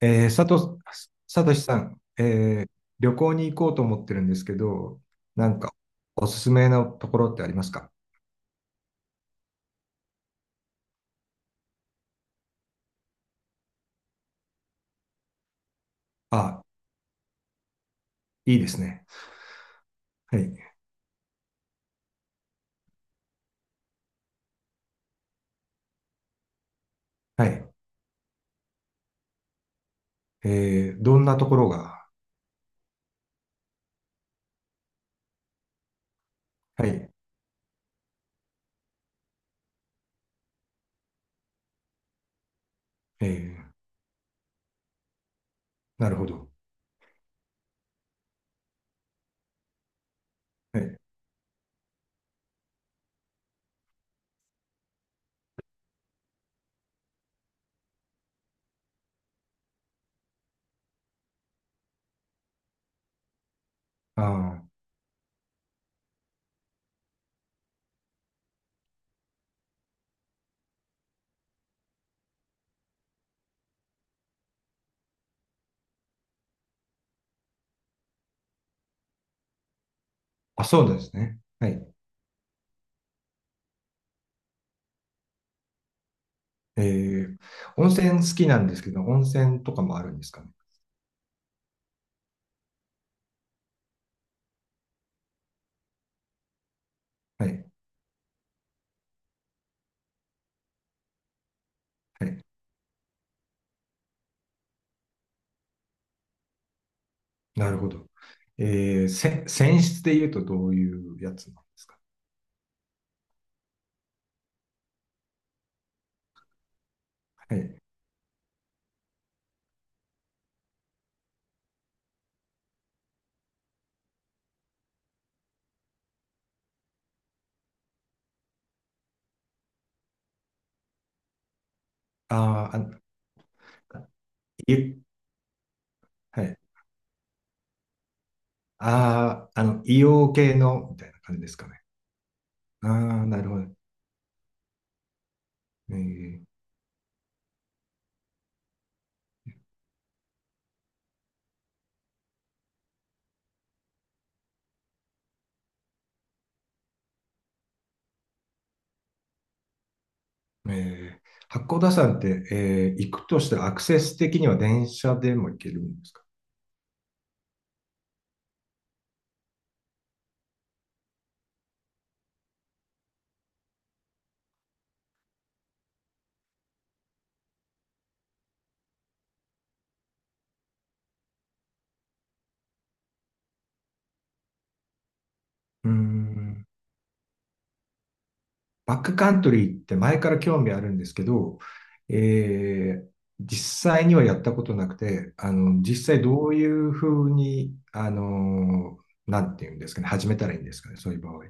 えー、さと、さとしさん、旅行に行こうと思ってるんですけど、なんかおすすめのところってありますか？あ、いいですね。はい。はい。どんなところが？はい。えーなるほど。はい。あー。あ、そうですね。はい。えー温泉好きなんですけど、温泉とかもあるんですかね？はい。はい。なるほど。泉質で言うとどういうやつなんですか？はい。あー。あ、いえ、はい。ああ、硫黄系の、みたいな感じですかね。ああ、なるほど。えーえー八甲田山って、行くとしたらアクセス的には電車でも行けるんですか？うーん。バックカントリーって前から興味あるんですけど、えー実際にはやったことなくて、実際どういうふうに、なんていうんですかね、始めたらいいんですかね、そういう場合。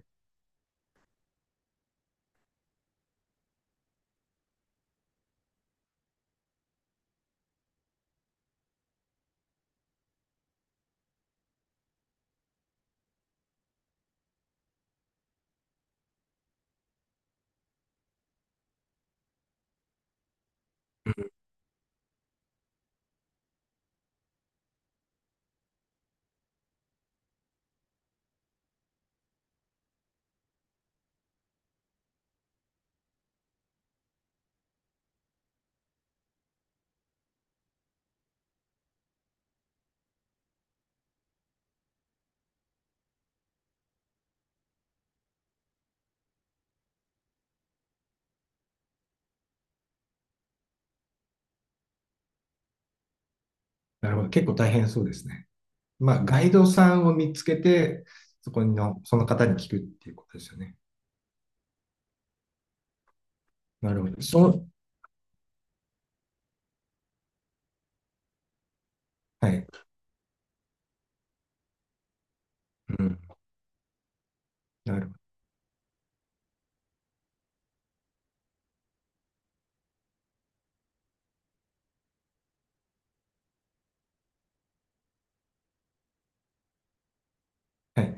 なるほど。結構大変そうですね。まあ、ガイドさんを見つけて、その方に聞くっていうことですよね。なるほど。そう。はい。うん。なるほど。はい。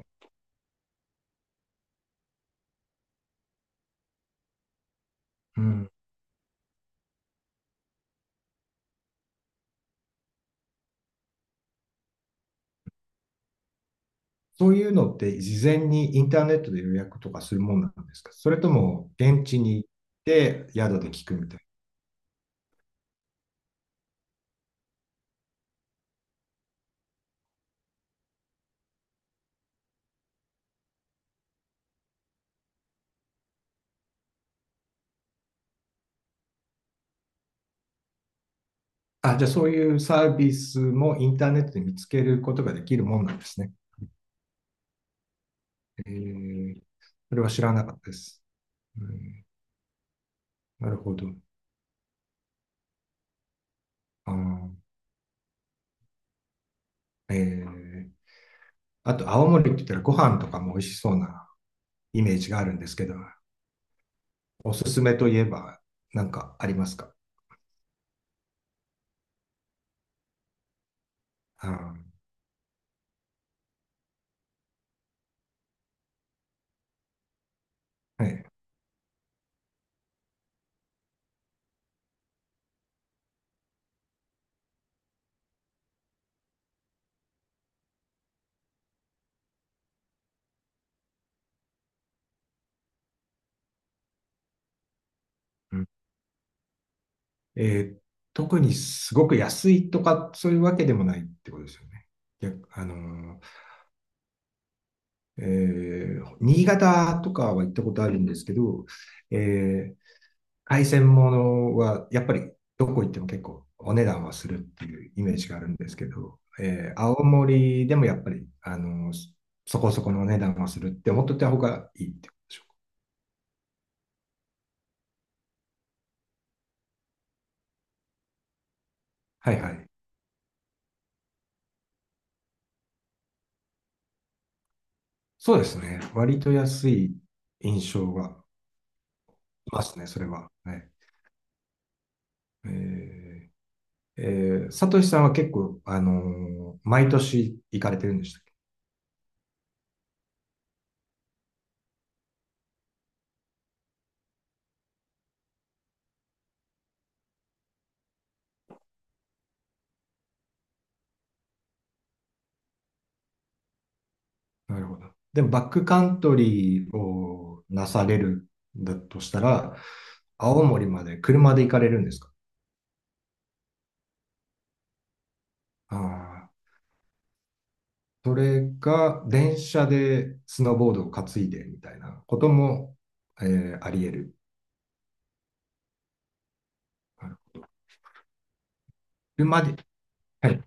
うん。そういうのって事前にインターネットで予約とかするもんなんですか？それとも現地に行って宿で聞くみたいな。あ、じゃあそういうサービスもインターネットで見つけることができるもんなんですね。えー、それは知らなかったです。うん、なるほど。あー、えー、あと青森って言ったらご飯とかも美味しそうなイメージがあるんですけど、おすすめといえば何かありますか？あ。はい。うん。えー特にすごく安いとかそういうわけでもないってことですよね。いや、新潟とかは行ったことあるんですけど、えー海鮮物はやっぱりどこ行っても結構お値段はするっていうイメージがあるんですけど、青森でもやっぱり、そこそこのお値段はするって思っといた方がいいってことでしょうか。はいはい。そうですね。割と安い印象がいますね、それは。ね。えー、サトシさんは結構、毎年行かれてるんでしたっけ？なるほど。でも、バックカントリーをなされるんだとしたら、青森まで車で行かれるんですか？ああー、それが電車でスノーボードを担いでみたいなことも、あり得る。あの車で、はい、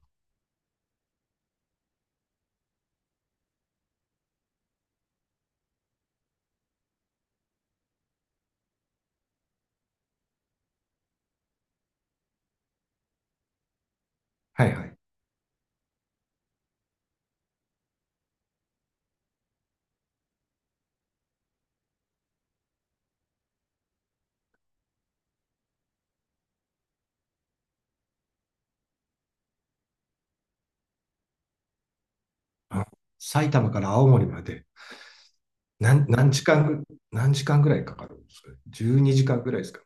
はい、はい。あ、埼玉から青森まで。何何時間ぐ、何時間ぐらいかかるんですかね。12時間ぐらいですかね。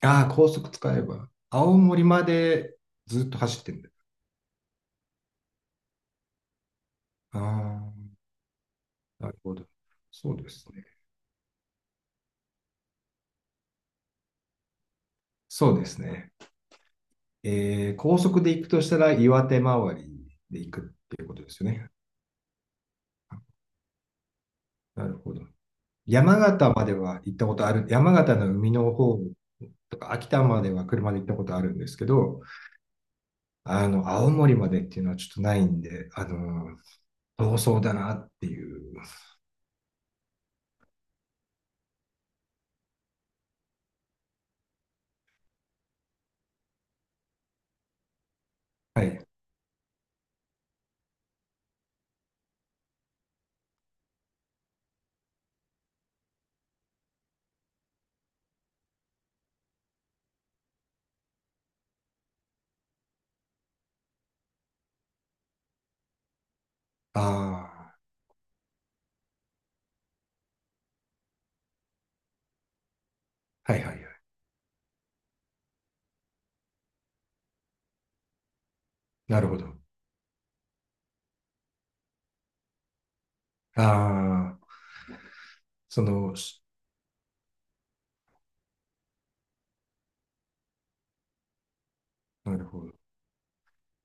ああ、高速使えば。青森までずっと走ってるんだ。ああ、なるほど。そうですね。そうですね。高速で行くとしたら岩手周りで行くっていうことですよね。なるほど。山形までは行ったことある。山形の海の方とか秋田までは車で行ったことあるんですけど、青森までっていうのはちょっとないんで、遠そうだなっていう。はい。ああ、はいはいはい。なるほど。ああ、その、しなるほど。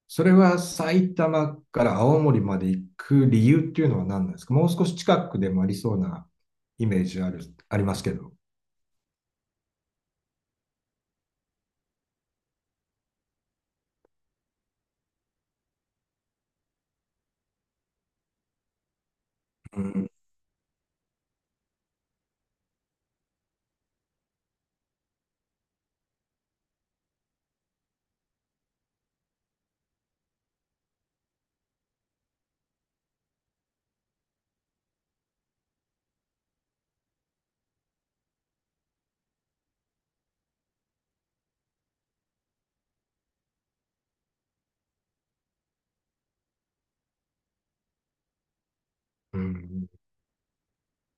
それは埼玉から青森まで行く理由っていうのは何なんですか？もう少し近くでもありそうなイメージある、ありますけど。うん。うん。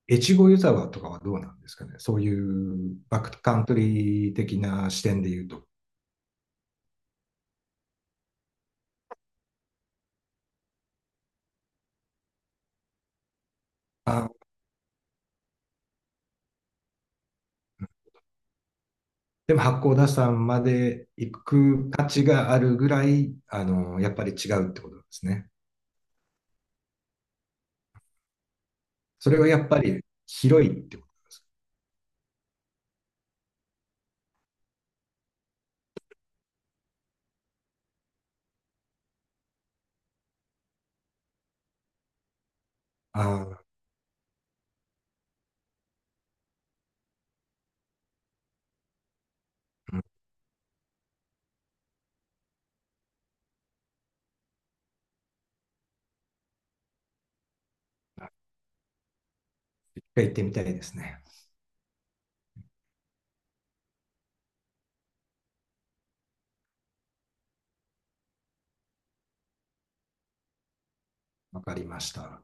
越後湯沢とかはどうなんですかね？そういうバックカントリー的な視点で言うと。あ、でも八甲田山まで行く価値があるぐらい、やっぱり違うってことなんですね。それはやっぱり広いってこと？ああ、うん、一回行ってみたいですね。わかりました。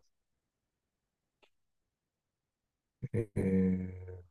えー